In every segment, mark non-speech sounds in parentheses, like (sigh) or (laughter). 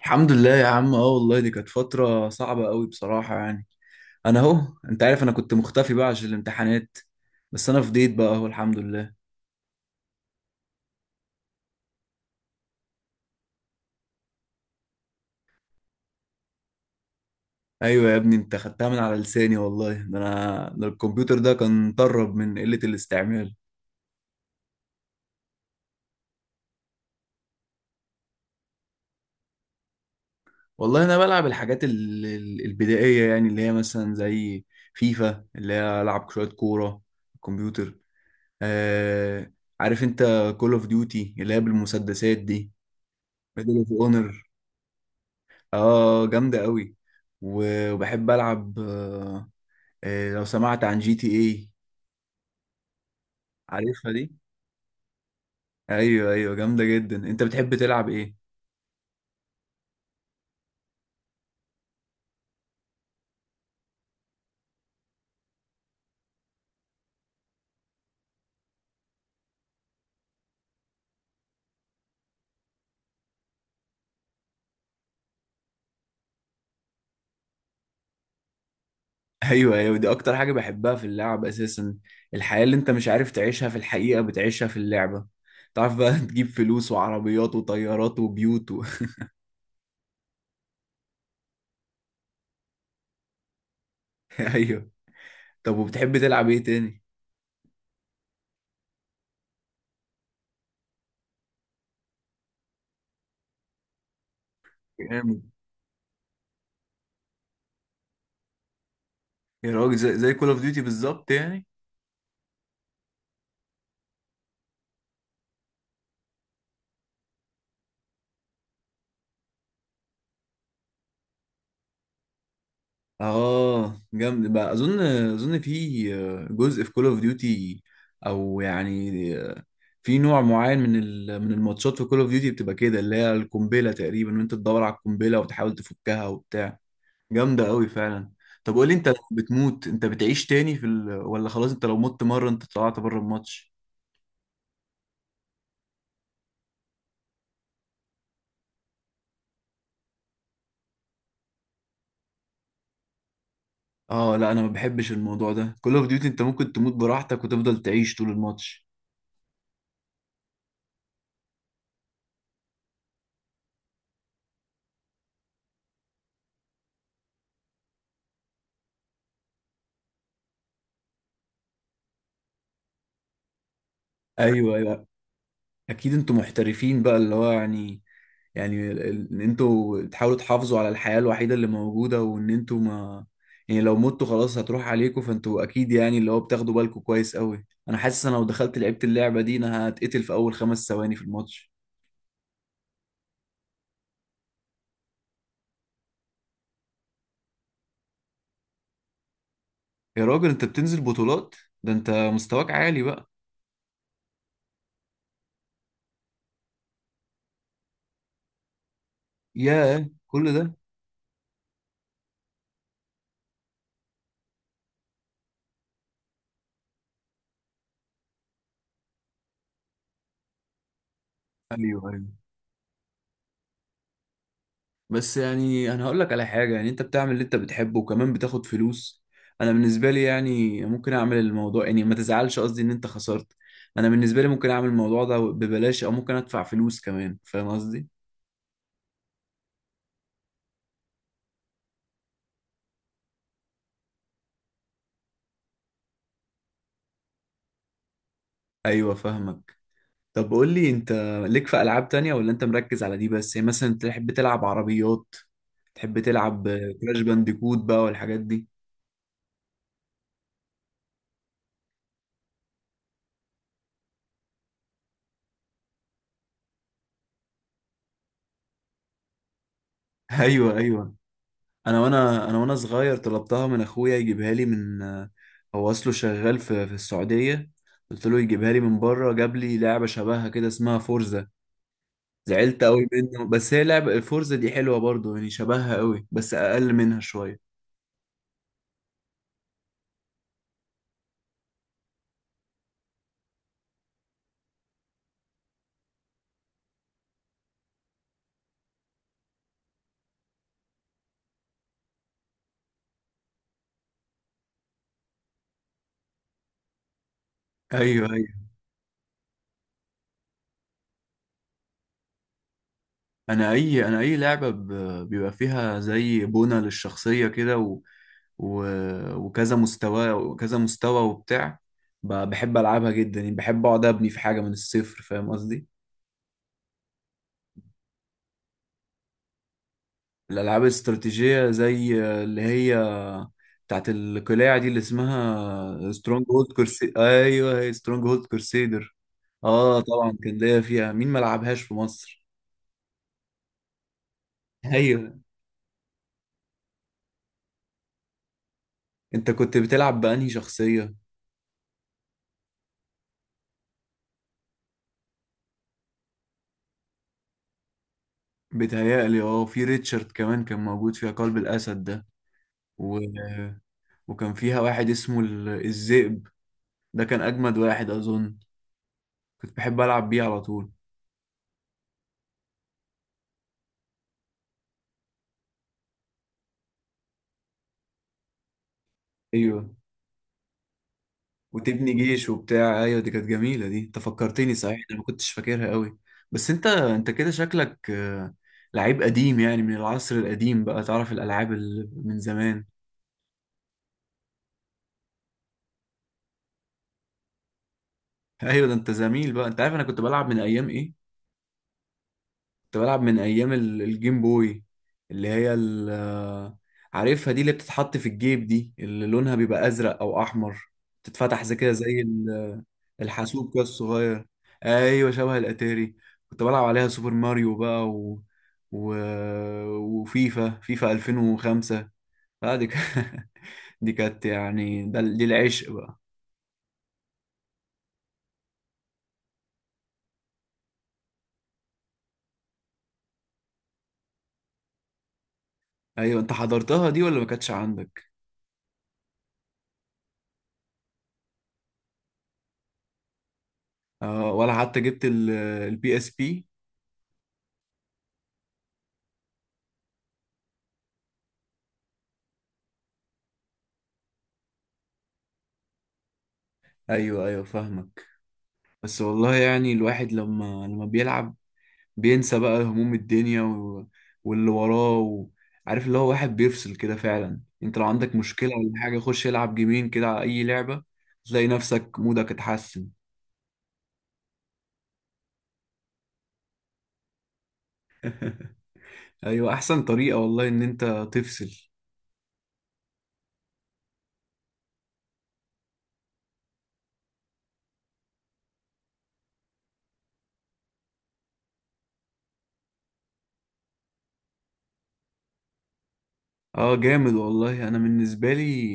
الحمد لله يا عم، اه والله دي كانت فترة صعبة قوي بصراحة يعني. انا اهو، انت عارف انا كنت مختفي بقى عشان الامتحانات، بس انا فضيت بقى اهو الحمد لله. ايوه يا ابني، انت خدتها من على لساني والله، ده انا ده الكمبيوتر ده كان طرب من قلة الاستعمال. والله انا بلعب الحاجات البدائية، يعني اللي هي مثلا زي فيفا اللي هي العب شوية كورة الكمبيوتر. آه عارف انت، كول اوف ديوتي اللي هي بالمسدسات دي، ميدل اوف اونر، اه جامدة قوي. وبحب العب لو سمعت عن جي تي اي. عارفها دي؟ ايوه ايوه جامدة جدا. انت بتحب تلعب ايه؟ (laughs) ايوه ايوه، دي اكتر حاجة بحبها في اللعب اساسا. الحياة اللي انت مش عارف تعيشها في الحقيقة بتعيشها في اللعبة. تعرف بقى (laughs) تجيب فلوس وعربيات وطيارات وبيوت. (laughs) ايوه. طب وبتحب تلعب ايه تاني؟ جامد. يا راجل زي كول اوف ديوتي بالظبط يعني. اه جامد بقى، اظن في جزء في كول اوف ديوتي، او يعني في نوع معين من من الماتشات في كول اوف ديوتي بتبقى كده، اللي هي القنبله تقريبا، وانت تدور على القنبله وتحاول تفكها وبتاع. جامده قوي فعلا. طب قول لي انت، لو بتموت انت بتعيش تاني في ولا خلاص انت لو مت مره انت طلعت بره الماتش؟ اه لا، انا ما بحبش الموضوع ده. كول اوف ديوتي انت ممكن تموت براحتك وتفضل تعيش طول الماتش. ايوه ايوه، اكيد انتوا محترفين بقى، اللي هو يعني، يعني ان انتوا تحاولوا تحافظوا على الحياة الوحيدة اللي موجودة، وان انتوا ما، يعني لو متوا خلاص هتروح عليكم، فانتوا اكيد يعني اللي هو بتاخدوا بالكم كويس قوي. انا حاسس انا لو دخلت لعبت اللعبة دي انا هتقتل في اول خمس ثواني في الماتش. يا راجل انت بتنزل بطولات؟ ده انت مستواك عالي بقى. ياه كل ده؟ ايوه ايوه، بس يعني انا هقول لك على حاجه، يعني انت بتعمل اللي انت بتحبه وكمان بتاخد فلوس. انا بالنسبه لي يعني ممكن اعمل الموضوع، يعني ما تزعلش قصدي ان انت خسرت، انا بالنسبه لي ممكن اعمل الموضوع ده ببلاش او ممكن ادفع فلوس كمان، فاهم قصدي؟ ايوه فاهمك. طب قول لي انت، ليك في العاب تانية ولا انت مركز على دي بس؟ يعني مثلا تحب تلعب عربيات، تحب تلعب كراش بانديكوت بقى والحاجات دي؟ (laughs) ايوه ايوه. انا وانا صغير طلبتها من اخويا يجيبها لي من، هو اصله شغال في السعوديه، قلت له يجيبها لي من بره، جاب لي لعبه شبهها كده اسمها فورزا. زعلت قوي منه، بس هي لعبه الفورزا دي حلوه برضه يعني، شبهها قوي بس اقل منها شويه. ايوه ايوه. انا اي لعبه بيبقى فيها زي بنى للشخصيه كده و... وكذا مستوى وكذا مستوى وبتاع، بحب العبها جدا، يعني بحب اقعد ابني في حاجه من الصفر، فاهم قصدي؟ الالعاب الاستراتيجيه زي اللي هي بتاعت القلاع دي اللي اسمها سترونج هولد كورسي ايوه هي سترونج هولد كورسيدر. اه طبعا كان ليا فيها، مين ما لعبهاش في مصر؟ (laughs) ايوه. انت كنت بتلعب بانهي شخصيه؟ بتهيألي اه في ريتشارد كمان كان موجود فيها، قلب الاسد ده، و... وكان فيها واحد اسمه الذئب، ده كان اجمد واحد اظن، كنت بحب العب بيه على طول. ايوه وتبني جيش وبتاع. ايوه دي كانت جميله، دي انت فكرتني صحيح، انا ما كنتش فاكرها قوي. بس انت كده شكلك لعيب قديم يعني، من العصر القديم بقى، تعرف الالعاب اللي من زمان. (laughs) ايوه، ده انت زميل بقى. انت عارف انا كنت بلعب من ايام ايه؟ كنت بلعب من ايام الجيم بوي، اللي هي عارفها دي، اللي بتتحط في الجيب دي، اللي لونها بيبقى ازرق او احمر، تتفتح زي كده زي الحاسوب كده الصغير. ايوه شبه الاتاري. كنت بلعب عليها سوبر ماريو بقى و... وفيفا فيفا 2005. لا دي (laughs) دي كانت يعني، دي العشق بقى. ايوه انت حضرتها دي ولا ما كانتش عندك؟ آه ولا حتى جبت البي اس بي؟ ايوه ايوه فاهمك. بس والله يعني الواحد لما بيلعب بينسى بقى هموم الدنيا واللي وراه. عارف اللي هو واحد بيفصل كده فعلا، انت لو عندك مشكلة ولا حاجة خش العب جيمين كده على اي لعبة تلاقي نفسك مودك اتحسن. ايوه احسن طريقة والله ان انت تفصل. اه جامد والله. انا بالنسبة لي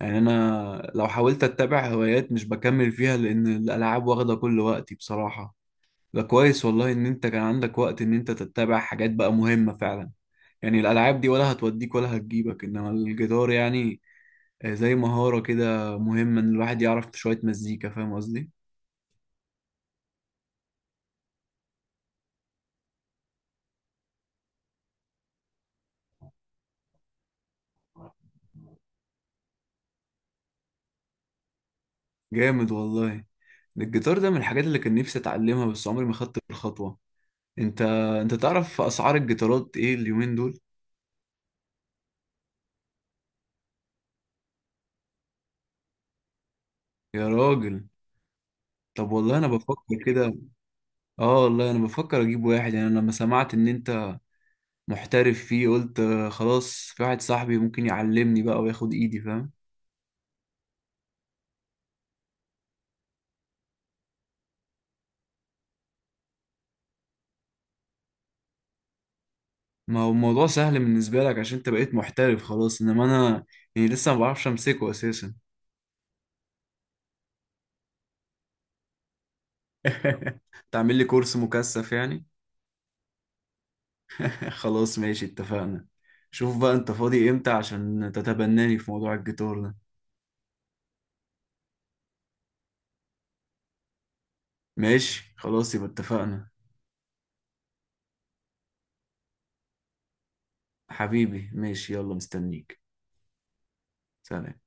يعني، انا لو حاولت اتبع هوايات مش بكمل فيها لان الالعاب واخدة كل وقتي بصراحة. ده كويس والله ان انت كان عندك وقت ان انت تتبع حاجات بقى مهمة فعلا، يعني الالعاب دي ولا هتوديك ولا هتجيبك، انما الجيتار يعني زي مهارة كده مهمة، ان الواحد يعرف شوية مزيكا، فاهم قصدي؟ جامد والله. الجيتار ده من الحاجات اللي كان نفسي اتعلمها بس عمري ما خدت الخطوة. انت انت تعرف اسعار الجيتارات ايه اليومين دول؟ يا راجل. طب والله انا بفكر كده، اه والله انا بفكر اجيب واحد. يعني انا لما سمعت ان انت محترف فيه قلت خلاص في واحد صاحبي ممكن يعلمني بقى وياخد ايدي فاهم. ما هو الموضوع سهل بالنسبة لك عشان انت بقيت محترف خلاص، انما انا يعني لسه ما بعرفش امسكه اساسا. (laughs) تعمل لي كورس مكثف يعني؟ (laughs) خلاص ماشي اتفقنا. شوف بقى انت فاضي امتى عشان تتبناني في موضوع الجيتار ده. ماشي خلاص يبقى اتفقنا. حبيبي ماشي، يلا مستنيك. سلام.